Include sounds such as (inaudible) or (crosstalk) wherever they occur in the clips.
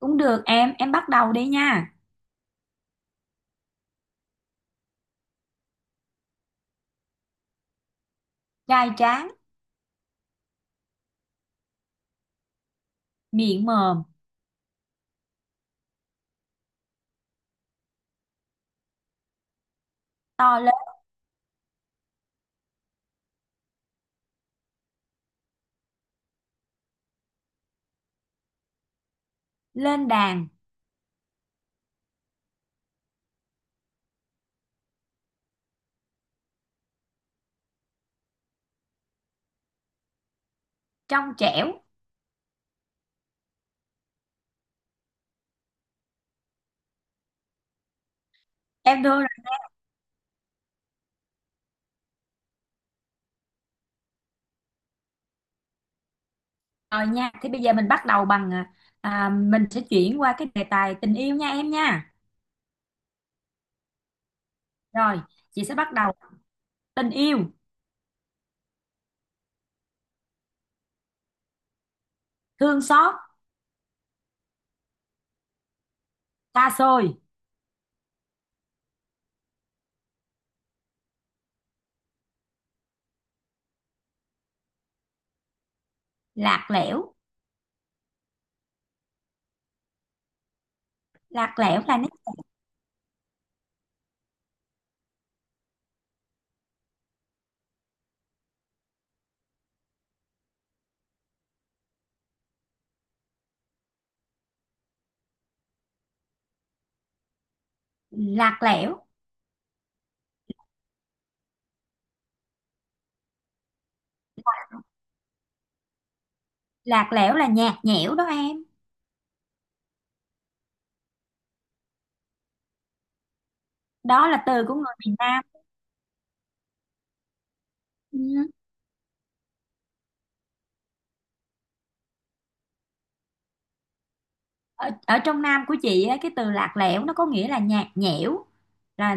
Cũng được em bắt đầu đi nha. Gai tráng, miệng mồm, to lớn, lên đàn, trong trẻo. Em đưa ra rồi nha. Thì bây giờ mình bắt đầu bằng mình sẽ chuyển qua cái đề tài tình yêu nha em nha. Rồi, chị sẽ bắt đầu tình yêu, thương xót, xa xôi, lạc lẽo, lạc lẽo là nét lạc lẽo, lạc lẽo là nhạt nhẽo đó em. Đó là từ của người miền Nam. Ừ. Ở trong Nam của chị á, cái từ lạc lẽo nó có nghĩa là nhạt nhẽo là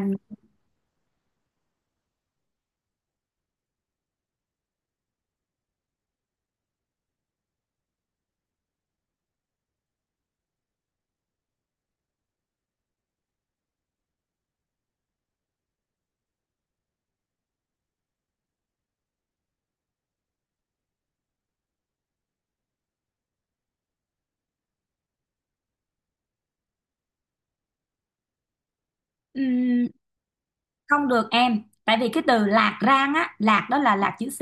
không được em, tại vì cái từ lạc rang á, lạc đó là lạc chữ C,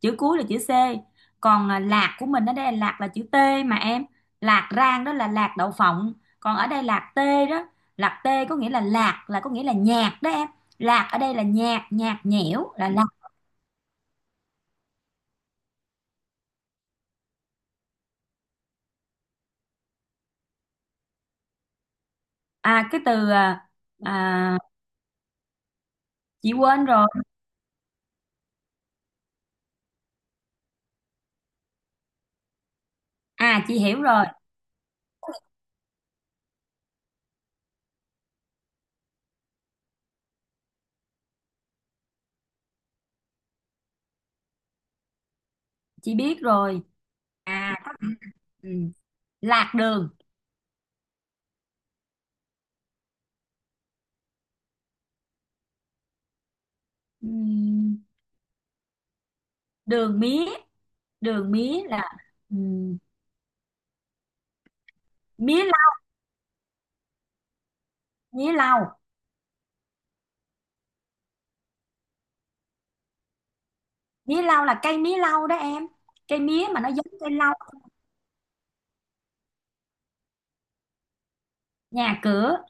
chữ cuối là chữ C, còn lạc của mình ở đây là lạc là chữ T mà em, lạc rang đó là lạc đậu phộng, còn ở đây lạc T đó, lạc T có nghĩa là lạc, là có nghĩa là nhạc đó em, lạc ở đây là nhạc, nhạt nhẽo là lạc. À cái từ à, à, Chị quên rồi. À, chị hiểu rồi. Chị biết rồi. Có nghĩa là- ừ, lạc đường. Ừm, đường mía, đường mía là ừm, mía, mía lau, mía lau là cây mía lau đó em, cây mía mà nó giống cây lau. Nhà cửa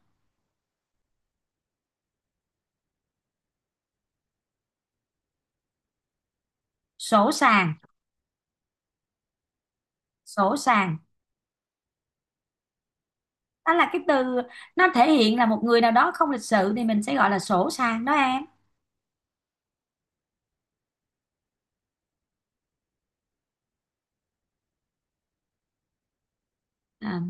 sổ, sàng, sổ sàng đó là cái từ nó thể hiện là một người nào đó không lịch sự thì mình sẽ gọi là sổ sàng đó em. à,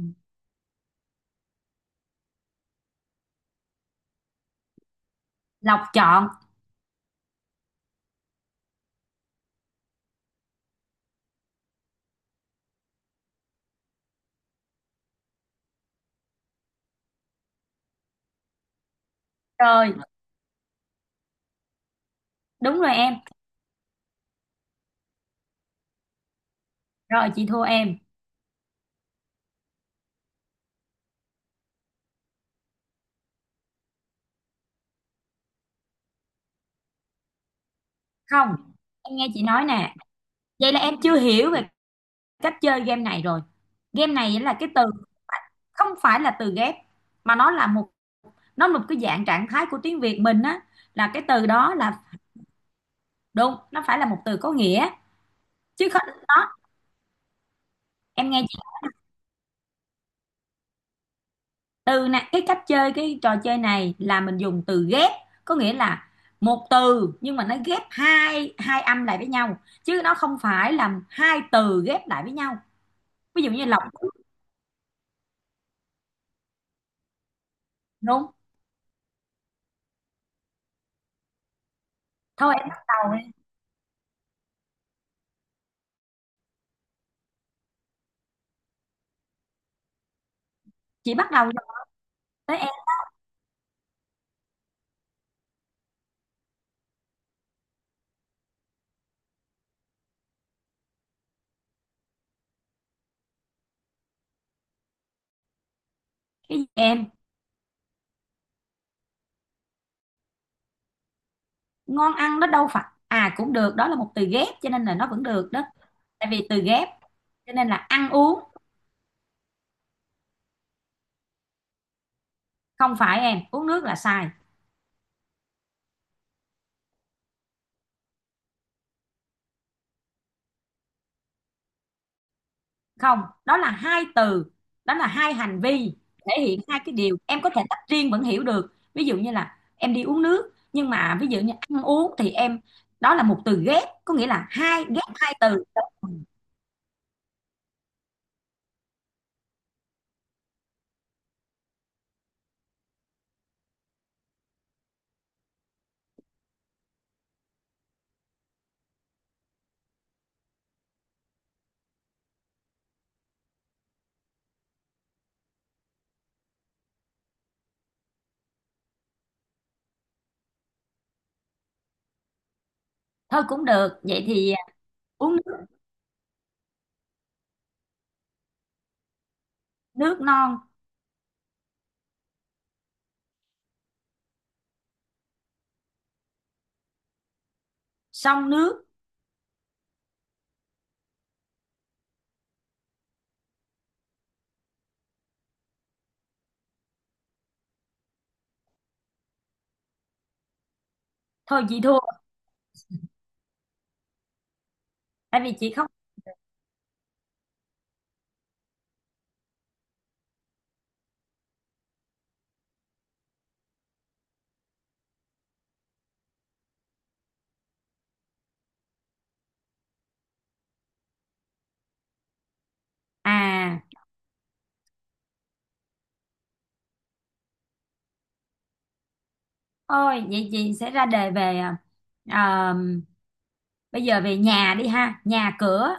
Lọc chọn rồi. Đúng rồi em. Rồi chị thua em. Không, em nghe chị nói nè, vậy là em chưa hiểu về cách chơi game này rồi. Game này là cái từ không phải là từ ghép mà nó là một cái dạng trạng thái của tiếng Việt mình á, là cái từ đó là. Đúng, nó phải là một từ có nghĩa chứ không, đó. Em nghe chị từ nè, cái cách chơi cái trò chơi này là mình dùng từ ghép, có nghĩa là một từ nhưng mà nó ghép hai hai âm lại với nhau chứ nó không phải là hai từ ghép lại với nhau. Ví dụ như lọc. Đúng. Thôi em bắt đầu đi. Chị bắt đầu tới em. Cái gì em? Ngon ăn nó đâu phải, à cũng được, đó là một từ ghép cho nên là nó vẫn được đó. Tại vì từ ghép cho nên là ăn uống. Không phải em, uống nước là sai. Không, đó là hai từ, đó là hai hành vi thể hiện hai cái điều em có thể tách riêng vẫn hiểu được, ví dụ như là em đi uống nước, nhưng mà ví dụ như ăn uống thì em, đó là một từ ghép có nghĩa là hai, ghép hai từ. Thôi cũng được, vậy thì uống nước, nước non, xong nước, thôi chị thua, tại vì chị không. à Thôi vậy chị sẽ ra đề về à, bây giờ về nhà đi ha, nhà cửa,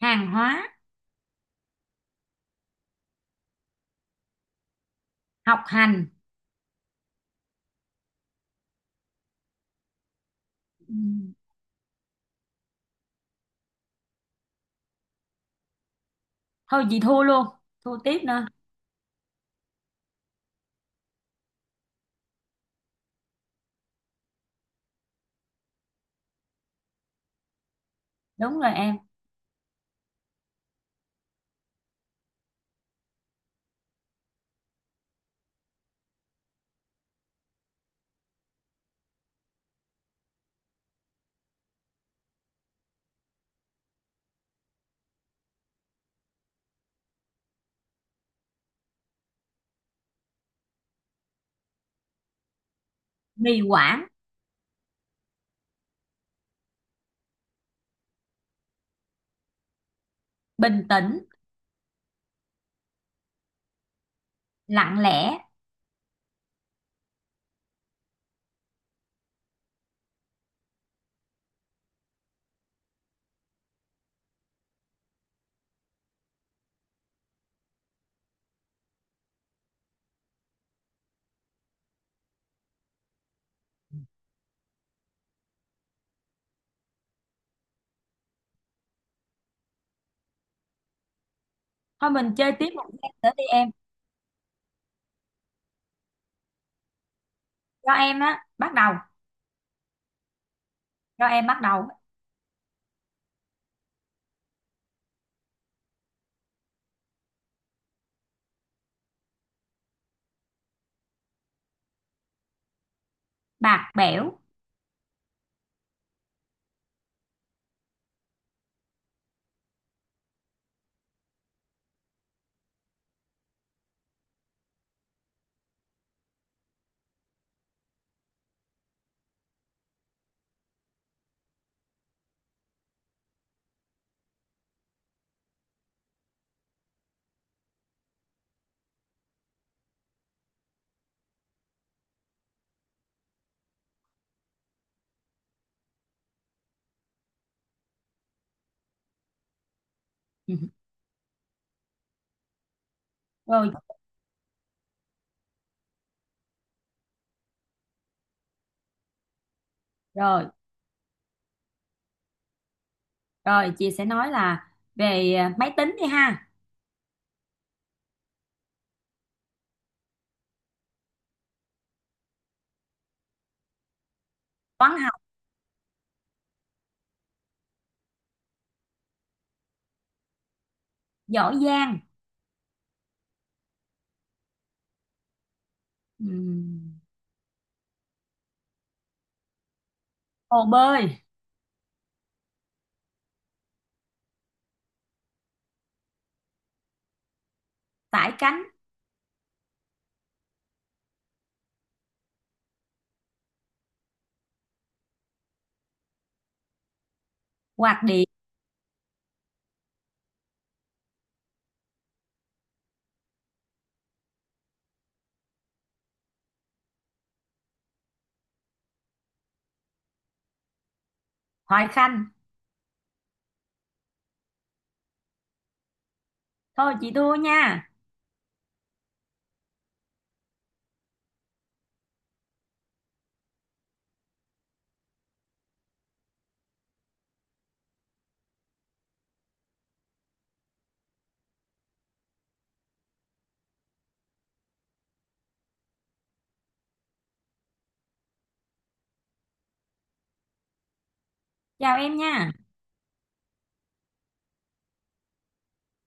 hàng hóa học hành. Ừ, thôi chị thua luôn, thua tiếp nữa. Đúng rồi em. Trì hoãn, bình tĩnh, lặng lẽ. Thôi mình chơi tiếp một game nữa đi em. Cho em á bắt đầu, cho em bắt đầu. Bạc bẽo. (laughs) Ừ. Rồi. Rồi rồi chị sẽ nói là về máy tính đi ha. Toán học, giỏi giang, Ừm, hồ bơi, sải cánh, quạt điện, thoại khanh. Thôi chị thua nha. Chào em nha.